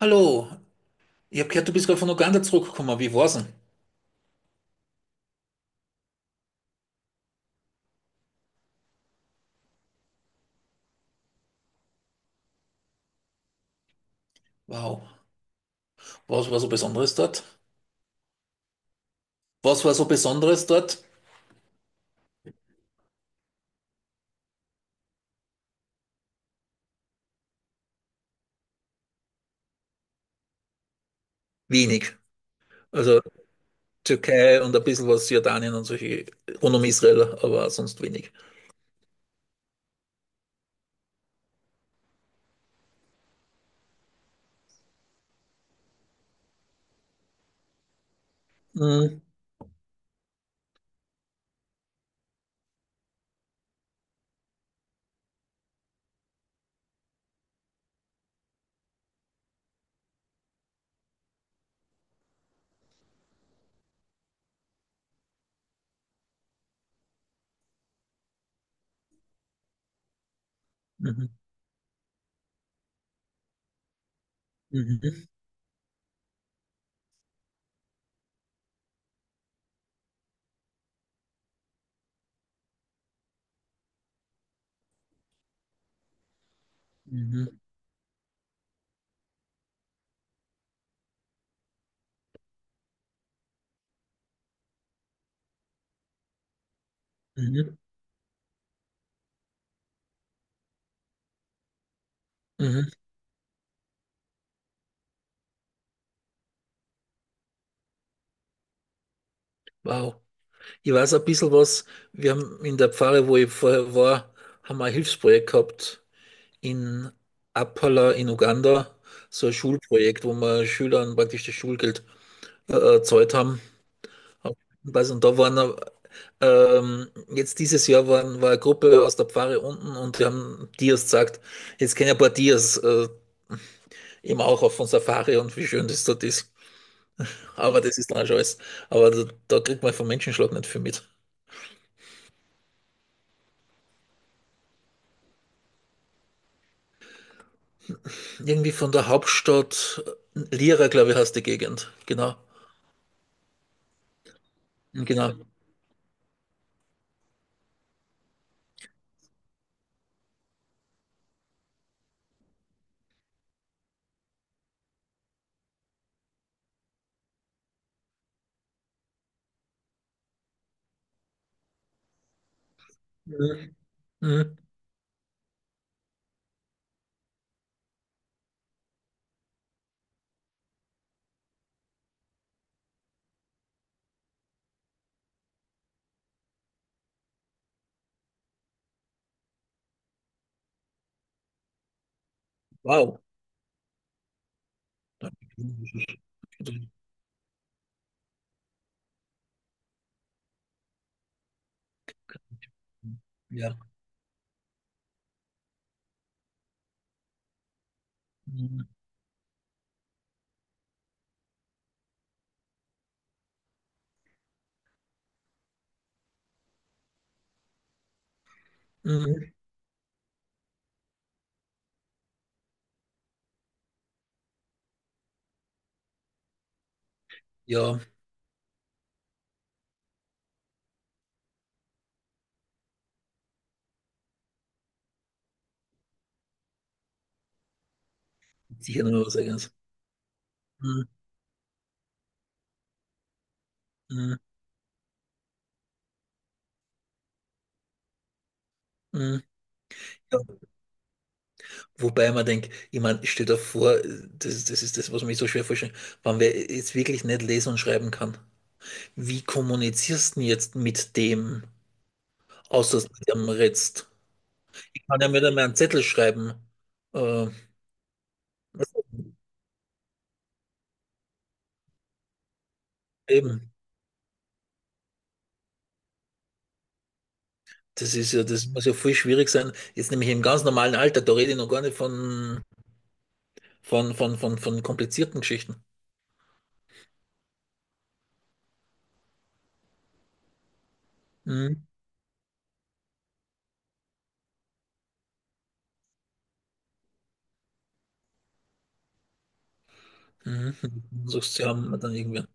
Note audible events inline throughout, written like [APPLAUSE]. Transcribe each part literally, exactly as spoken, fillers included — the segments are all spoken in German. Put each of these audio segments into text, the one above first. Hallo, ich habe gehört, du bist gerade von Uganda zurückgekommen. Wie war's denn? Wow. Was war so Besonderes dort? Was war so Besonderes dort? Wenig. Also Türkei und ein bisschen was Jordanien und solche rund um Israel, aber sonst wenig. Mhm. Mhm. Mhm. Mhm. Mhm. Mhm. Wow. Ich weiß ein bisschen was. Wir haben in der Pfarre, wo ich vorher war, haben wir ein Hilfsprojekt gehabt in Apala in Uganda. So ein Schulprojekt, wo wir Schülern praktisch das Schulgeld äh, erzeugt haben. Weiß und da waren äh, ähm, jetzt dieses Jahr waren, war eine Gruppe aus der Pfarre unten und die haben Dias gesagt, jetzt kennen ein paar Dias äh, eben auch auf von Safari und wie schön das dort ist. Aber das ist dann auch schon alles. Aber da, da kriegt man vom Menschenschlag nicht viel mit. Irgendwie von der Hauptstadt äh, Lira, glaube ich, heißt die Gegend. Genau. Genau. Mhm. Mhm. Wow. Ja. Mhm. Mhm. Ja, sicher noch was eigenes. Mhm. Mhm. Mhm. Ja. Wobei man denkt, ich meine, stell dir vor, das, das ist das, was mich so schwer vorstellt, wenn wer jetzt wirklich nicht lesen und schreiben kann. Wie kommunizierst du denn jetzt mit dem, außer dass du mit dem redst? Ich kann ja mit einem einen Zettel schreiben. Äh, eben, das ist ja, das muss ja viel schwierig sein. Jetzt nämlich im ganz normalen Alter, da rede ich noch gar nicht von, von, von, von, von komplizierten Geschichten. Hm, hm, hm. Sagst, sie haben dann irgendwer.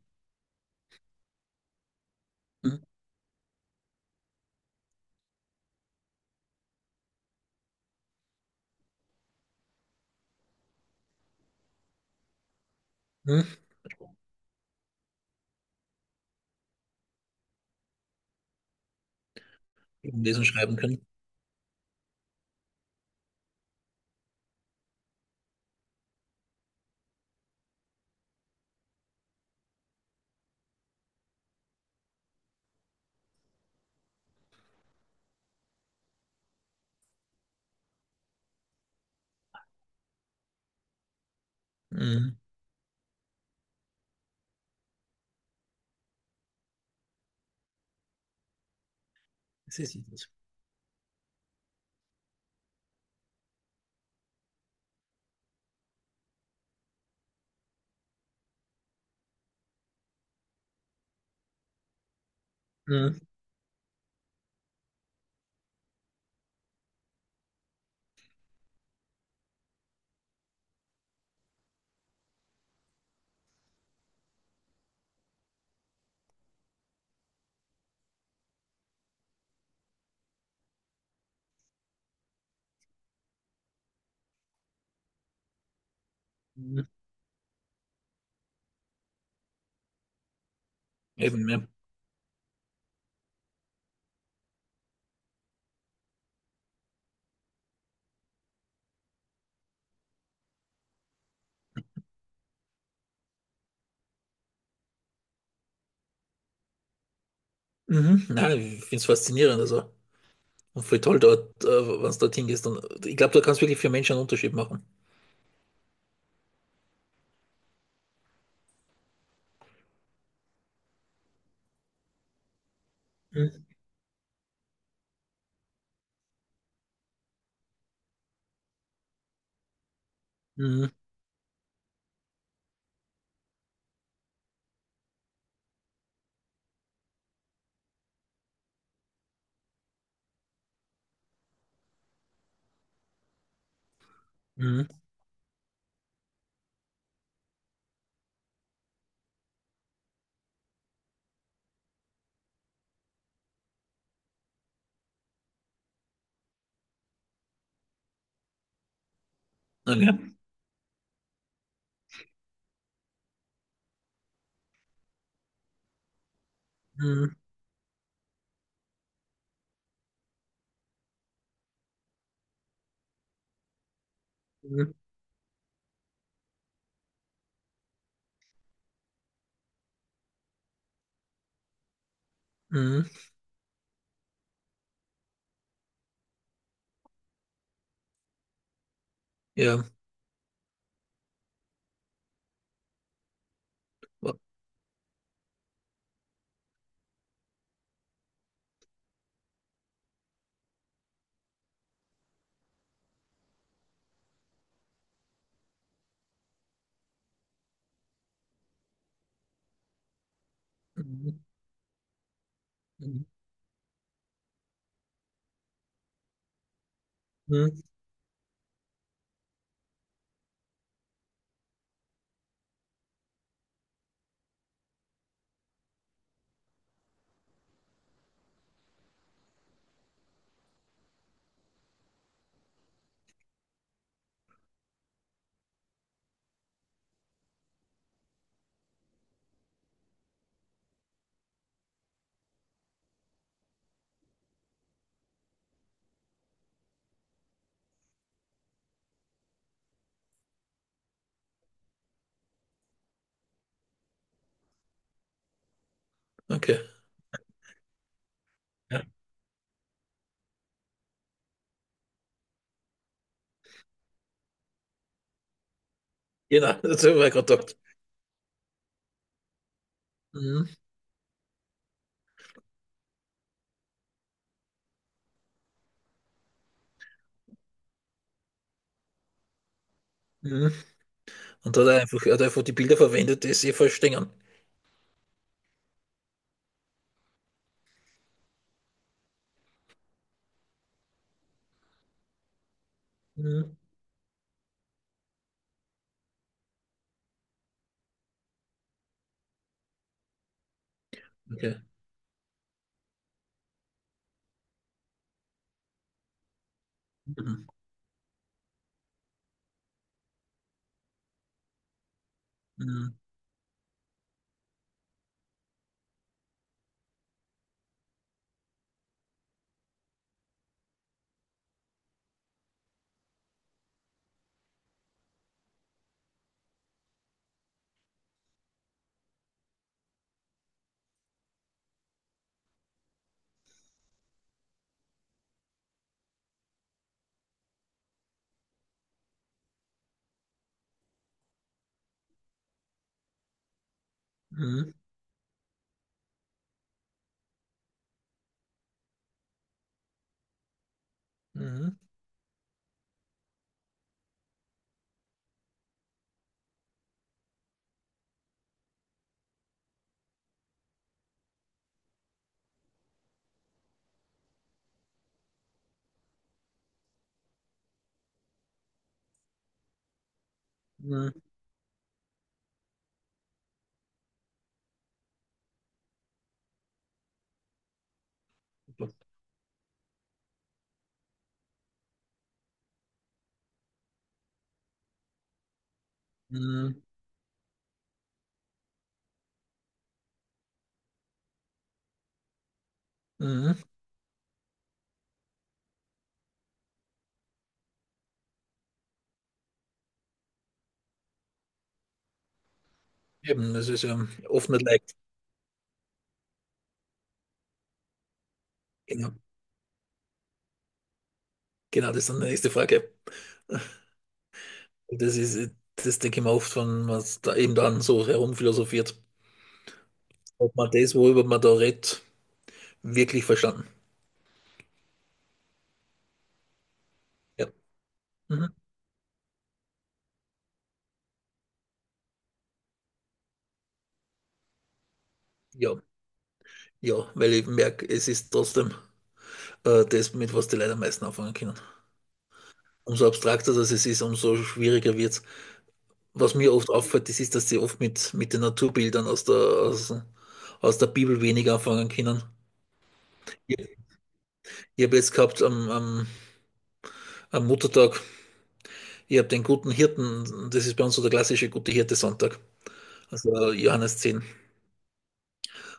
Hm, hm. Lesen und schreiben können. Hm, das ist es. Mhm. Eben, ja. Mhm. Nein, ich finde es faszinierend. Also. Und voll toll dort, äh, wenn es dorthin gehst. Und ich glaube, da kannst du wirklich für Menschen einen Unterschied machen. Mhm. Mhm. Mhm. Okay. Mhm. Mhm. Mhm. Ja. Mhm. Mhm. Mhm. Okay. Ja. Genau, [LAUGHS] das habe ich mir gerade gedacht. Mhm. Mhm. Und da hat er einfach, er hat einfach die Bilder verwendet, die sie verstehen. Mhm. Okay. Mhm. Mhm. Mhm. Mhm. Mhm. Mhm. Mhm. Eben, das ist ja oft nicht leicht. Genau. Genau, das ist dann die nächste Frage. Das ist, das denke ich mir oft, wenn man da eben dann so herumphilosophiert, ob man das, worüber man da redet, wirklich verstanden. Ja. Mhm. Ja. Ja, weil ich merke, es ist trotzdem äh, das, mit was die Leute am meisten anfangen können. Umso abstrakter das es ist, umso schwieriger wird es. Was mir oft auffällt, das ist, dass sie oft mit, mit den Naturbildern aus der, aus, aus der Bibel weniger anfangen können. Ich, ich habe jetzt gehabt am, am, am Muttertag. Ihr habt den guten Hirten, das ist bei uns so der klassische gute Hirte-Sonntag, also äh, Johannes zehn.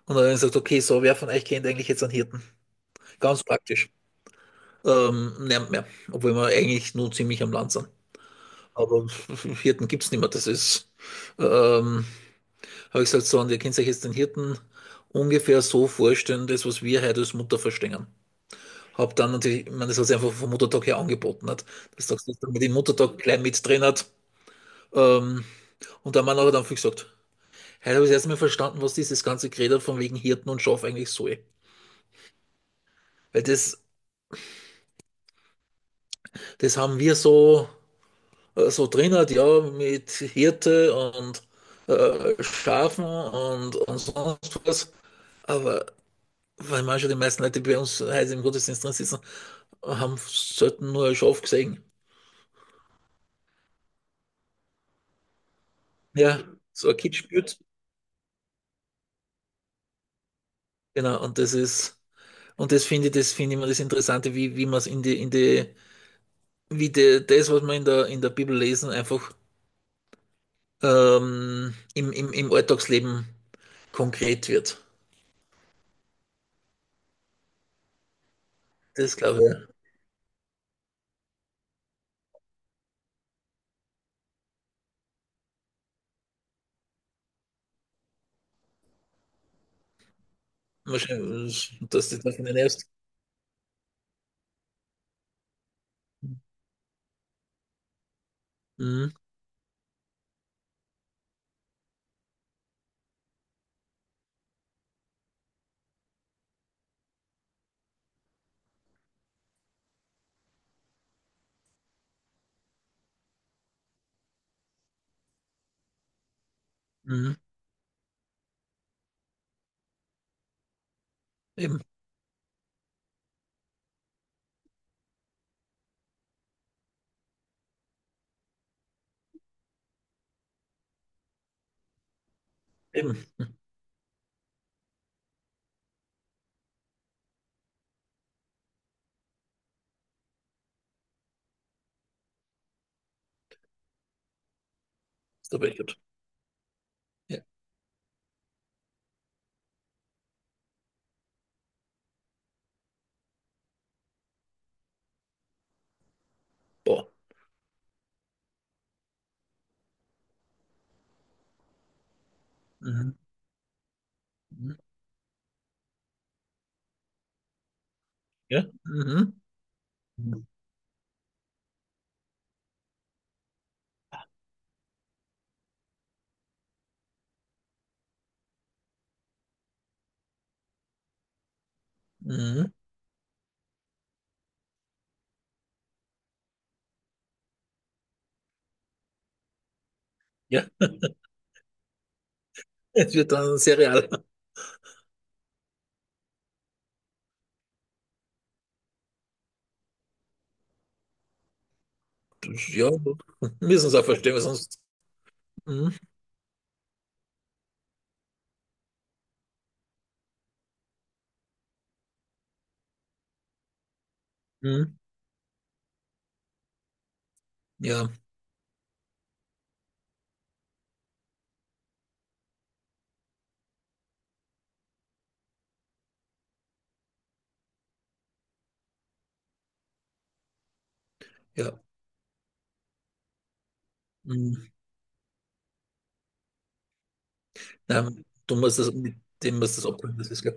Und dann sagt, okay, so, wer von euch kennt eigentlich jetzt einen Hirten? Ganz praktisch. Ähm, niemand mehr, obwohl wir eigentlich nur ziemlich am Land sind. Aber [LAUGHS] Hirten gibt es nicht mehr, das ist, ähm, habe ich gesagt, so, und ihr könnt euch jetzt den Hirten ungefähr so vorstellen, das, was wir heute als Mutter verstehen. Hab dann natürlich, ich meine, das hat sich einfach vom Muttertag her angeboten hat, dass man den Muttertag gleich mit drin hat. Ähm, und der Mann hat dann viel gesagt, hey, da habe ich erstmal verstanden, was dieses ganze Gerede von wegen Hirten und Schaf eigentlich soll. Weil das, das haben wir so, äh, so drin, halt, ja, mit Hirte und äh, Schafen und, und sonst was. Aber weil manche, die meisten Leute, die bei uns heute im Gottesdienst drin sitzen, haben selten nur ein Schaf gesehen. Ja, so ein Kind spürt. Genau, und das ist, und das finde ich, das finde ich immer das Interessante, wie, wie man es in die, in die, wie die, das, was wir in der, in der Bibel lesen, einfach ähm, im, im, im Alltagsleben konkret wird. Das glaube ich. Wahrscheinlich, dass das das nicht erst. Mhm. Mhm. Eben, eben. Da bin ich gut. Ja. Boah. Mhm. Mhm. Ja. Mhm. Mhm. Ja. Es wird dann sehr real. Das- Ja, müssen es auch verstehen, weil sonst. Mhm. Mhm. Ja, ja. Mhm. Nein, du musst das mit dem musst das abholen, das ist klar.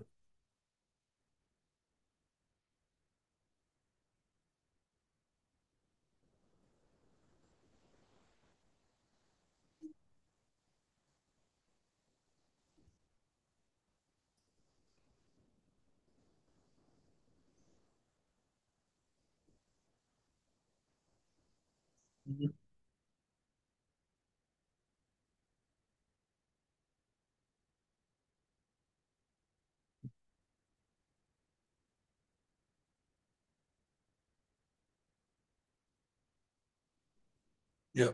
Mhm. Ja.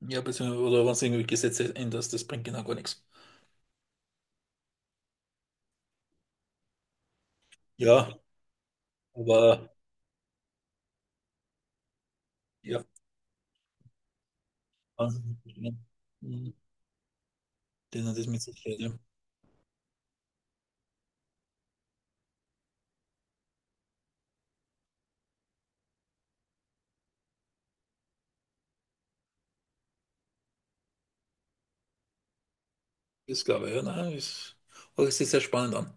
Ja, beziehungsweise, oder wenn du irgendwie Gesetze änderst, das bringt genau gar nichts. Ja, aber. Ja, also, ja. Mhm. Den hat es mit sich ja. Ist, glaube ich, ja, nein, ist, hört sich sehr spannend an.